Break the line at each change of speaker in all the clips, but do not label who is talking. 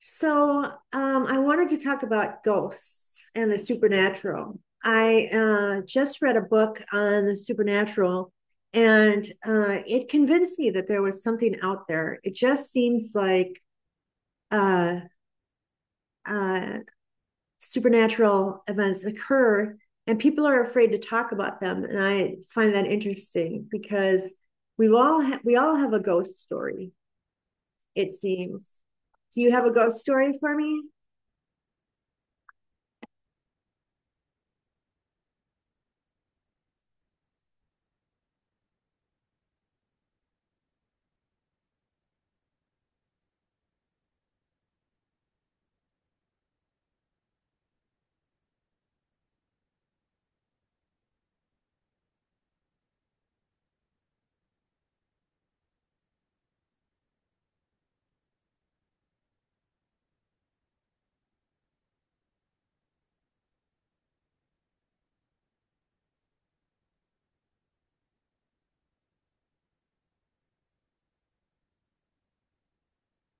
So I wanted to talk about ghosts and the supernatural. I just read a book on the supernatural, and it convinced me that there was something out there. It just seems like uh, uh, supernatural events occur, and people are afraid to talk about them. And I find that interesting because we all have a ghost story. It seems. Do you have a ghost story for me?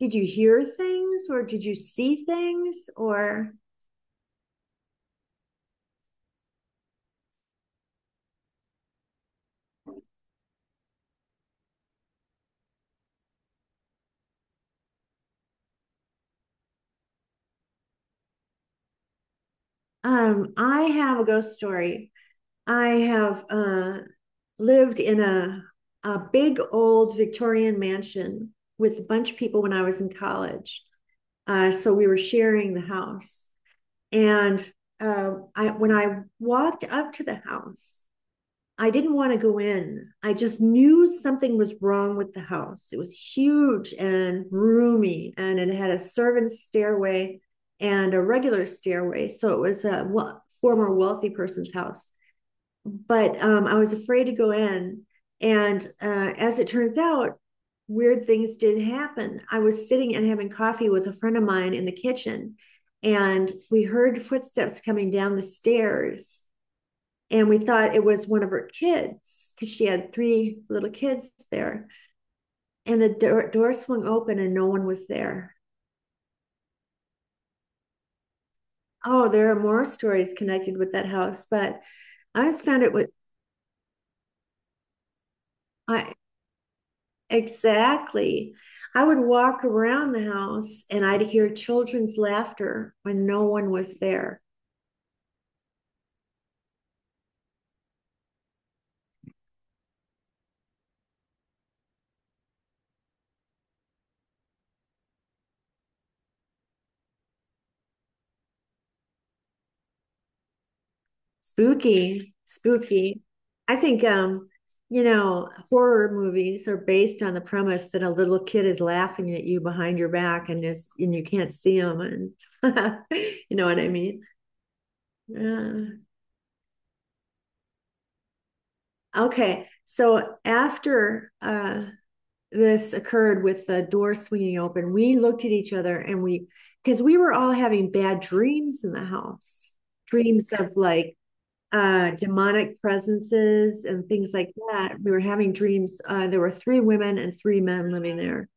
Did you hear things or did you see things or I have a ghost story. I have lived in a big old Victorian mansion with a bunch of people when I was in college. So we were sharing the house. And when I walked up to the house, I didn't want to go in. I just knew something was wrong with the house. It was huge and roomy, and it had a servant's stairway and a regular stairway. So it was a former wealthy person's house. But I was afraid to go in. And as it turns out, weird things did happen. I was sitting and having coffee with a friend of mine in the kitchen, and we heard footsteps coming down the stairs, and we thought it was one of her kids because she had three little kids there. And the door swung open and no one was there. Oh, there are more stories connected with that house, but I just found it was I exactly. I would walk around the house and I'd hear children's laughter when no one was there. Spooky, spooky. I think horror movies are based on the premise that a little kid is laughing at you behind your back and is and you can't see them. And you know what I mean? Yeah. Okay. So after this occurred with the door swinging open, we looked at each other and we because we were all having bad dreams in the house. Dreams of like demonic presences and things like that. We were having dreams. There were three women and three men living there,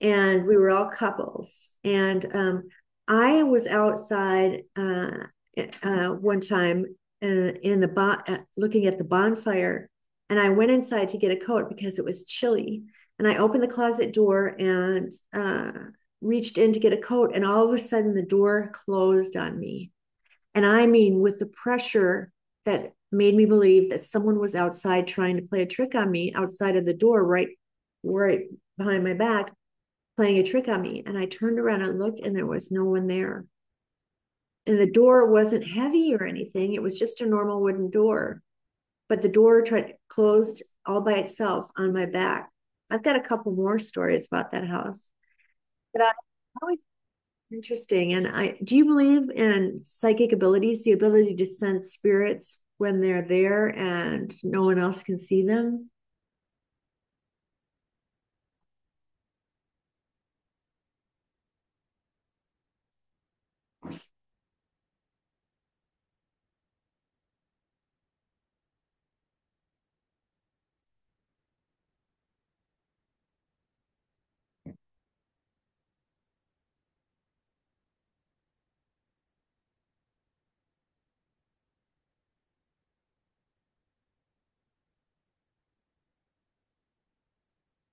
and we were all couples. And I was outside one time looking at the bonfire, and I went inside to get a coat because it was chilly. And I opened the closet door and reached in to get a coat, and all of a sudden the door closed on me. And I mean, with the pressure that made me believe that someone was outside trying to play a trick on me outside of the door, right, right behind my back, playing a trick on me. And I turned around and looked, and there was no one there. And the door wasn't heavy or anything, it was just a normal wooden door. But the door closed all by itself on my back. I've got a couple more stories about that house. But I always Interesting. And I do you believe in psychic abilities, the ability to sense spirits when they're there and no one else can see them?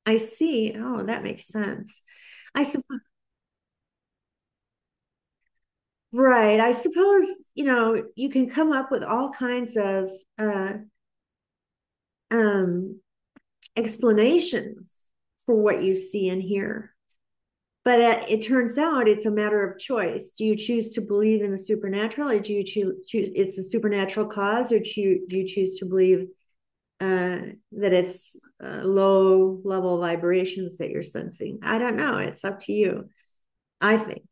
I see. Oh, that makes sense. I suppose, right. I suppose, you can come up with all kinds of uh, um, explanations for what you see and hear. But it turns out it's a matter of choice. Do you choose to believe in the supernatural, or do you choose it's a supernatural cause, or do you choose to believe uh, that it's low level vibrations that you're sensing? I don't know. It's up to you. I think.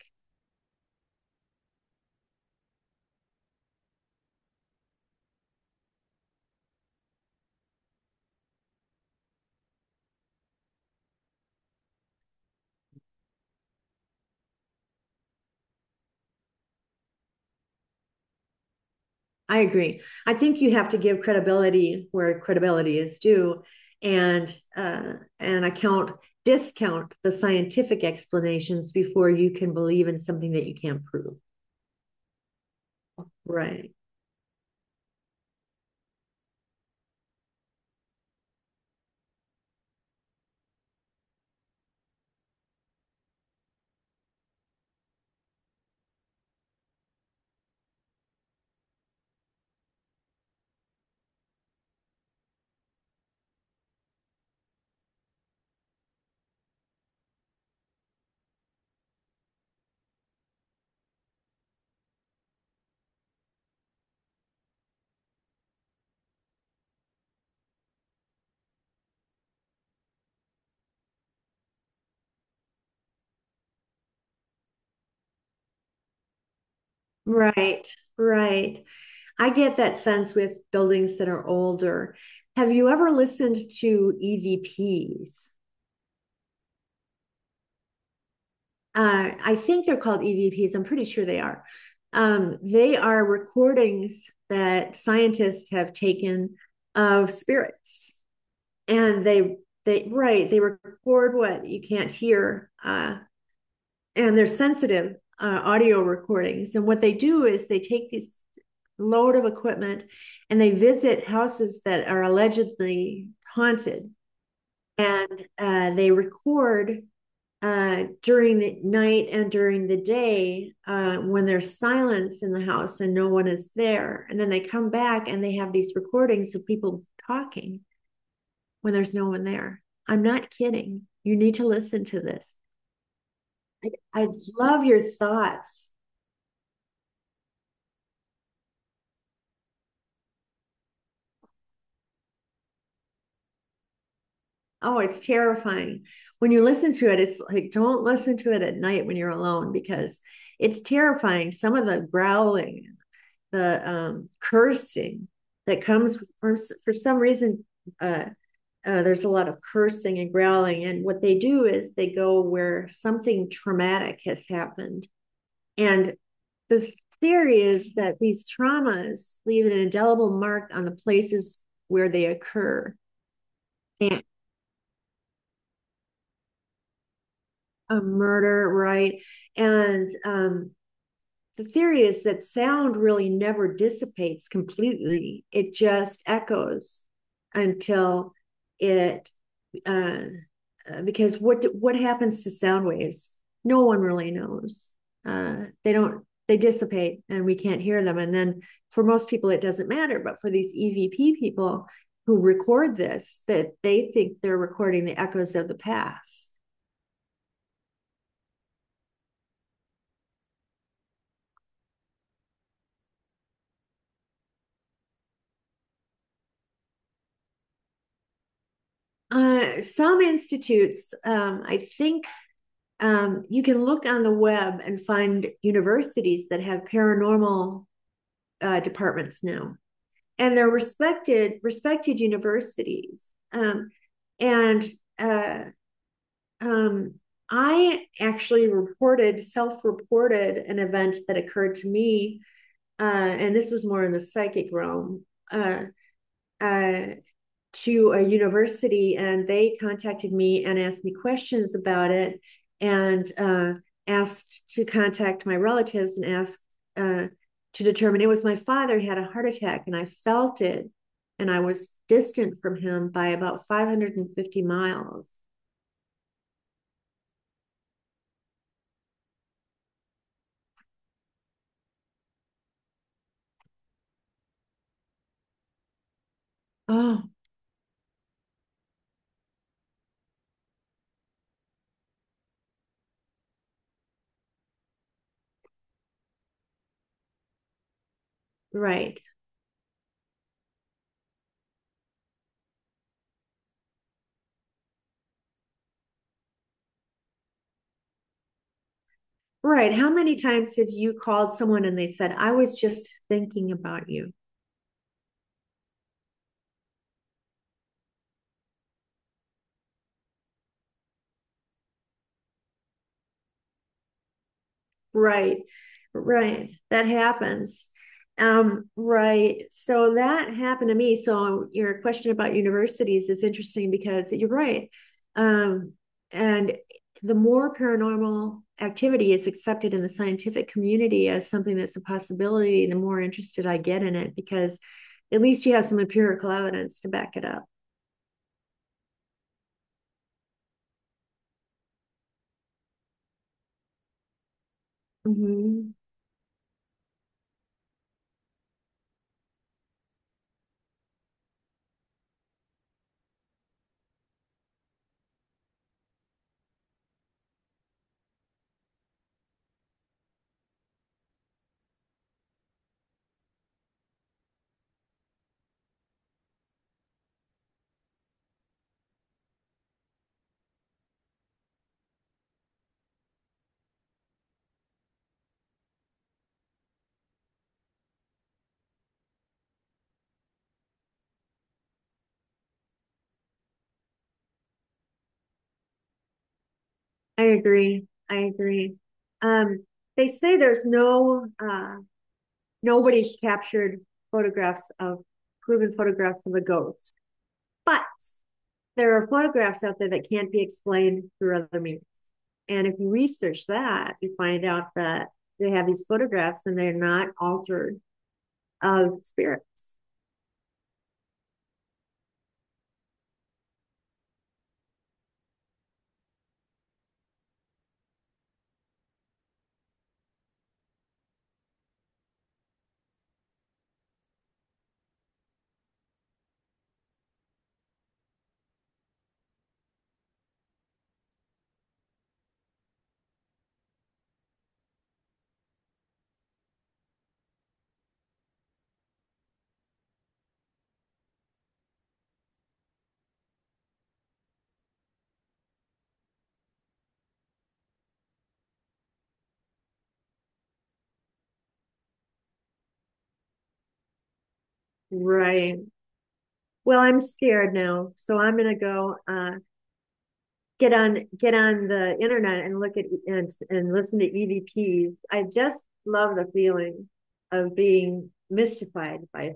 I agree. I think you have to give credibility where credibility is due, and uh, and account discount the scientific explanations before you can believe in something that you can't prove. Right. Right, right. I get that sense with buildings that are older. Have you ever listened to EVPs? I think they're called EVPs. I'm pretty sure they are. They are recordings that scientists have taken of spirits, and they record what you can't hear. And they're sensitive audio recordings. And what they do is they take this load of equipment and they visit houses that are allegedly haunted, and they record during the night and during the day when there's silence in the house and no one is there. And then they come back and they have these recordings of people talking when there's no one there. I'm not kidding. You need to listen to this. I love your thoughts. Oh, it's terrifying. When you listen to it, it's like don't listen to it at night when you're alone because it's terrifying. Some of the growling, the cursing that comes for some reason, uh, there's a lot of cursing and growling. And what they do is they go where something traumatic has happened. And the theory is that these traumas leave an indelible mark on the places where they occur. A murder, right? And the theory is that sound really never dissipates completely, it just echoes until it, uh, because what happens to sound waves? No one really knows. They don't they dissipate and we can't hear them. And then for most people, it doesn't matter. But for these EVP people who record this, that they think they're recording the echoes of the past. Some institutes, I think you can look on the web and find universities that have paranormal departments now, and they're respected universities. And uh, um, I actually reported self reported an event that occurred to me, and this was more in the psychic realm. Uh, uh, to a university and they contacted me and asked me questions about it and asked to contact my relatives and asked uh, to determine it was my father. He had a heart attack and I felt it, and I was distant from him by about 550 miles. Oh, right. Right. How many times have you called someone and they said, I was just thinking about you? Right. Right. That happens. Right. So that happened to me. So your question about universities is interesting because you're right. Um, and the more paranormal activity is accepted in the scientific community as something that's a possibility, the more interested I get in it because at least you have some empirical evidence to back it up. Mm-hmm. I agree. I agree. Um, they say there's no nobody's captured photographs of proven photographs of a ghost. But there are photographs out there that can't be explained through other means. And if you research that, you find out that they have these photographs and they're not altered of spirits. Right. Well, I'm scared now, so I'm gonna go get on the internet and look at E, and listen to EVPs. I just love the feeling of being mystified by